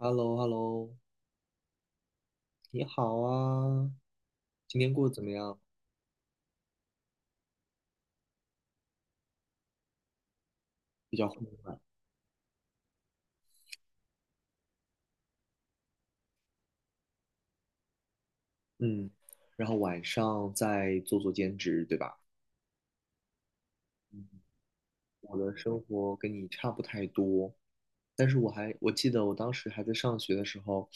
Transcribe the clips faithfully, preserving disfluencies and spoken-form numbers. h e l l o h e l l o 你好啊，今天过得怎么样？比较混乱，嗯，然后晚上再做做兼职，对吧？我的生活跟你差不太多，但是我还我记得我当时还在上学的时候，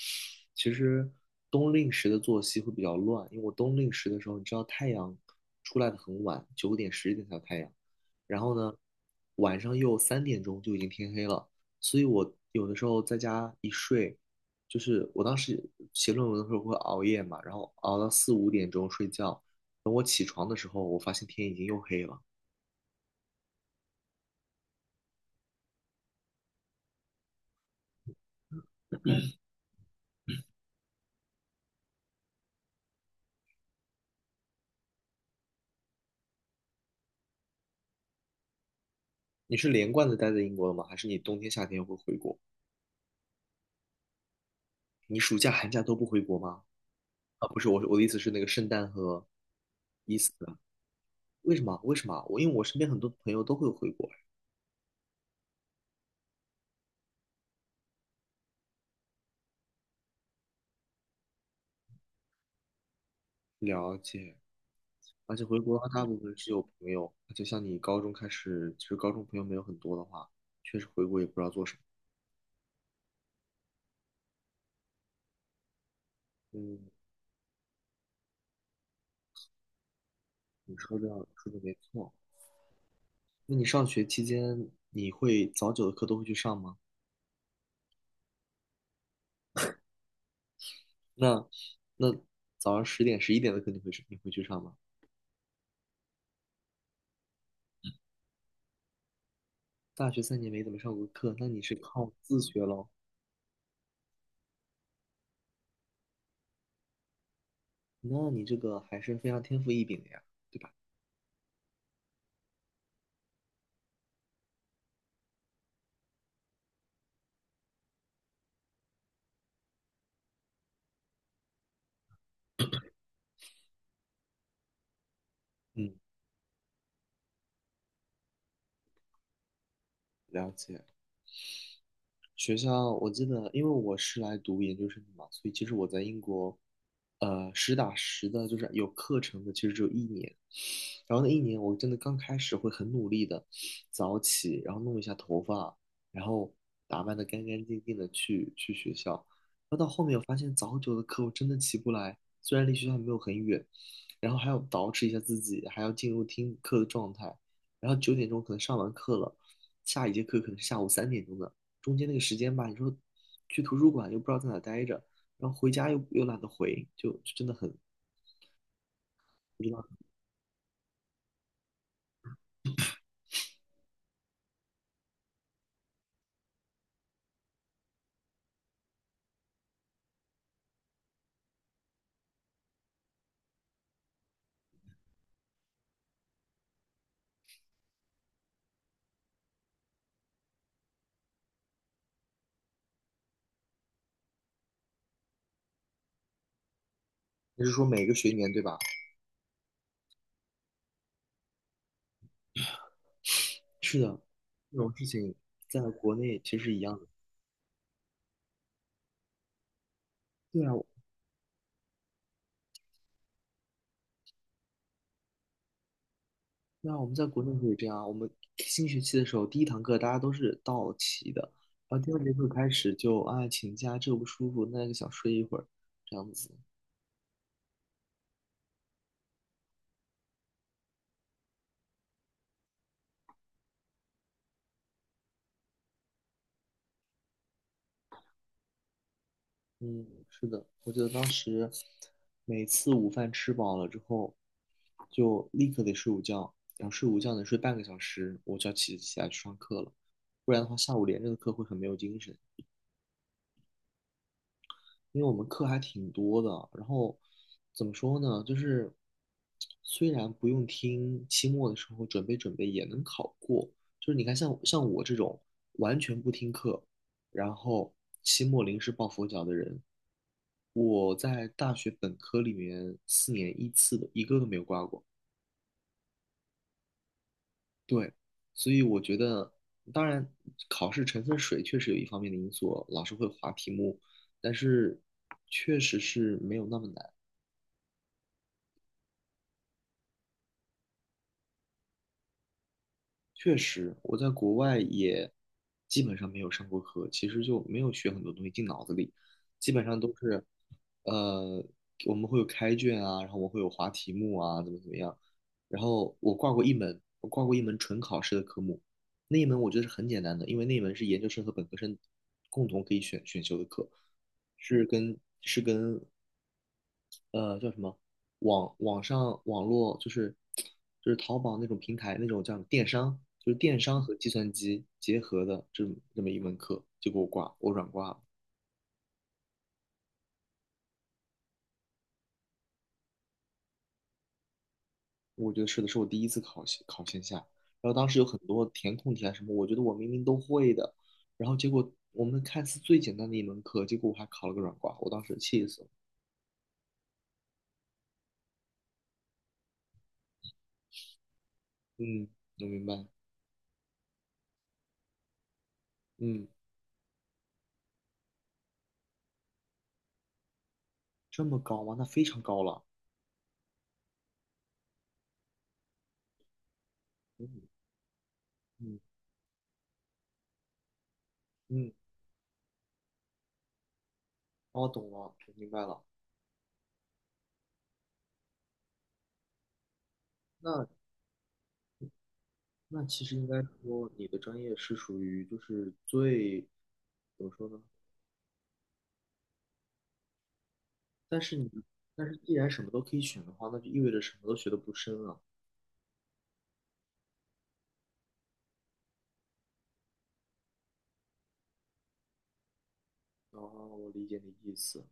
其实冬令时的作息会比较乱，因为我冬令时的时候，你知道太阳出来的很晚，九点十点才有太阳，然后呢，晚上又三点钟就已经天黑了，所以我有的时候在家一睡，就是我当时写论文的时候会熬夜嘛，然后熬到四五点钟睡觉，等我起床的时候，我发现天已经又黑了。你是连贯的待在英国了吗？还是你冬天、夏天会回国？你暑假、寒假都不回国吗？啊，不是，我我的意思是那个圣诞和伊斯特为什么？为什么？我因为我身边很多朋友都会回国。了解，而且回国的话，大部分是有朋友，就像你高中开始，其实高中朋友没有很多的话，确实回国也不知道做什么。嗯，你说的说的没错。那你上学期间，你会早九的课都会去上吗？那那早上十点、十一点的课你会去你会去上吗？大学三年没怎么上过课，那你是靠自学喽？那你这个还是非常天赋异禀的呀，对吧？嗯，了解。学校我记得，因为我是来读研究生的嘛，所以其实我在英国，呃，实打实的，就是有课程的，其实只有一年。然后那一年，我真的刚开始会很努力的早起，然后弄一下头发，然后打扮的干干净净的去去学校。然后到后面，我发现早九的课我真的起不来，虽然离学校没有很远，然后还要捯饬一下自己，还要进入听课的状态。然后九点钟可能上完课了，下一节课可能是下午三点钟的。中间那个时间吧，你说去图书馆又不知道在哪待着，然后回家又又懒得回，就就真的很不知道。你是说每个学年对吧？是的，这种事情在国内其实是一样的。对啊，对啊，我们在国内可以这样啊。我们新学期的时候，第一堂课大家都是到齐的，然后第二节课开始就啊请假，这个不舒服，那个想睡一会儿，这样子。嗯，是的，我记得当时每次午饭吃饱了之后，就立刻得睡午觉，然后睡午觉能睡半个小时，我就要起起来去上课了，不然的话下午连着的课会很没有精神，因为我们课还挺多的。然后怎么说呢，就是虽然不用听，期末的时候准备准备也能考过。就是你看像像我这种完全不听课，然后期末临时抱佛脚的人，我在大学本科里面四年一次的，一个都没有挂过。对，所以我觉得，当然考试成分水确实有一方面的因素，老师会划题目，但是确实是没有那么难。确实，我在国外也基本上没有上过课，其实就没有学很多东西进脑子里，基本上都是，呃，我们会有开卷啊，然后我会有划题目啊，怎么怎么样，然后我挂过一门，我挂过一门纯考试的科目，那一门我觉得是很简单的，因为那一门是研究生和本科生共同可以选选修的课，是跟是跟呃叫什么网网上网络就是就是淘宝那种平台那种叫什么电商，就是电商和计算机结合的这么这么一门课，结果我挂我软挂了。我觉得是的，是我第一次考线考线下，然后当时有很多填空题啊什么，我觉得我明明都会的，然后结果我们看似最简单的一门课，结果我还考了个软挂，我当时气死了。嗯，我明白。嗯，这么高吗？那非常高了。嗯嗯嗯，哦，懂了，我明白了。那。那其实应该说，你的专业是属于就是最，怎么说呢？但是你，但是既然什么都可以选的话，那就意味着什么都学的不深了。哦，我理解你的意思，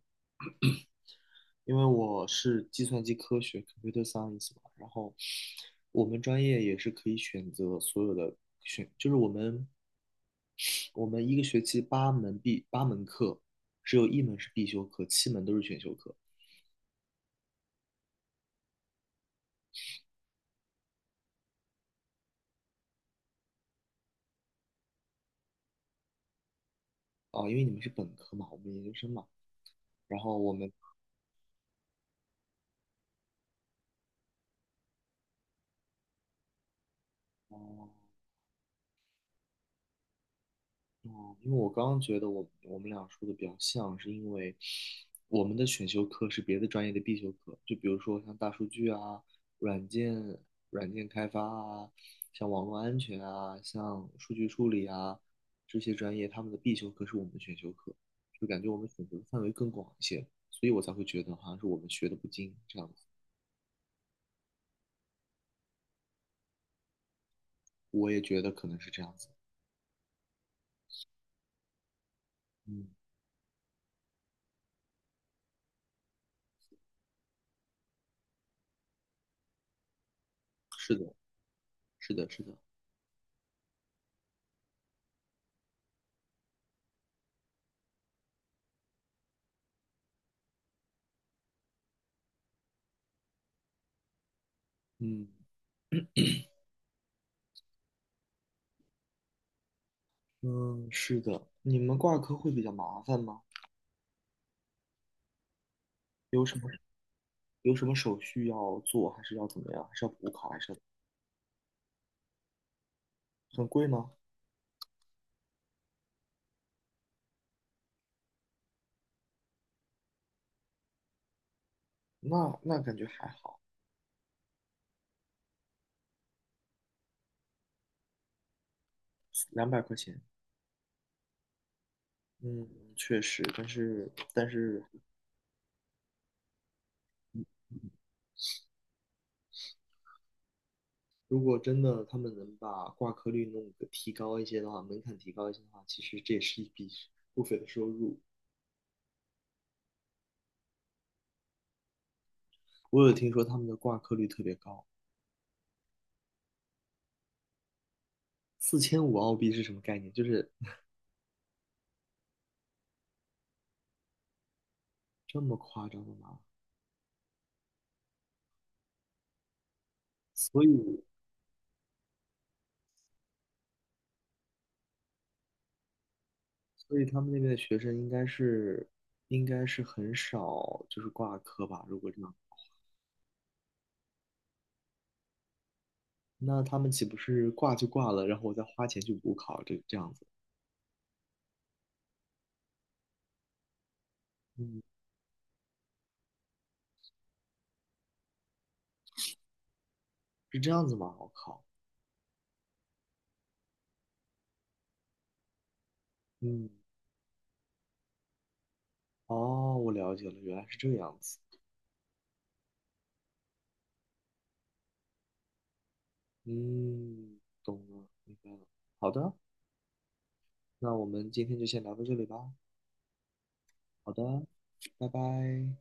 因为我是计算机科学 （computer science） 嘛，然后我们专业也是可以选择所有的选，就是我们我们一个学期八门必八门课，只有一门是必修课，七门都是选修课。啊，因为你们是本科嘛，我们研究生嘛，然后我们哦。呃哦，因为我刚刚觉得我我们俩说的比较像，是因为我们的选修课是别的专业的必修课，就比如说像大数据啊、软件、软件开发啊、像网络安全啊、像数据处理啊这些专业，他们的必修课是我们的选修课，就感觉我们选择的范围更广一些，所以我才会觉得好像是我们学的不精这样子。我也觉得可能是这样子。嗯，是的，是的，是的。嗯嗯，是的。你们挂科会比较麻烦吗？有什么有什么手续要做，还是要怎么样？还是要补考，还是要很贵吗？那那感觉还好，两百块钱，嗯，确实，但是但是如果真的他们能把挂科率弄个提高一些的话，门槛提高一些的话，其实这也是一笔不菲的收入。我有听说他们的挂科率特别高，四千五澳币是什么概念？就是这么夸张的吗？所以。所以他们那边的学生应该是应该是很少就是挂科吧？如果这样，那他们岂不是挂就挂了，然后我再花钱去补考这这样子？嗯，是这样子吗？我靠，嗯，哦，我了解了，原来是这个样子。嗯，懂了，明白了。好的，那我们今天就先聊到这里吧。好的，拜拜。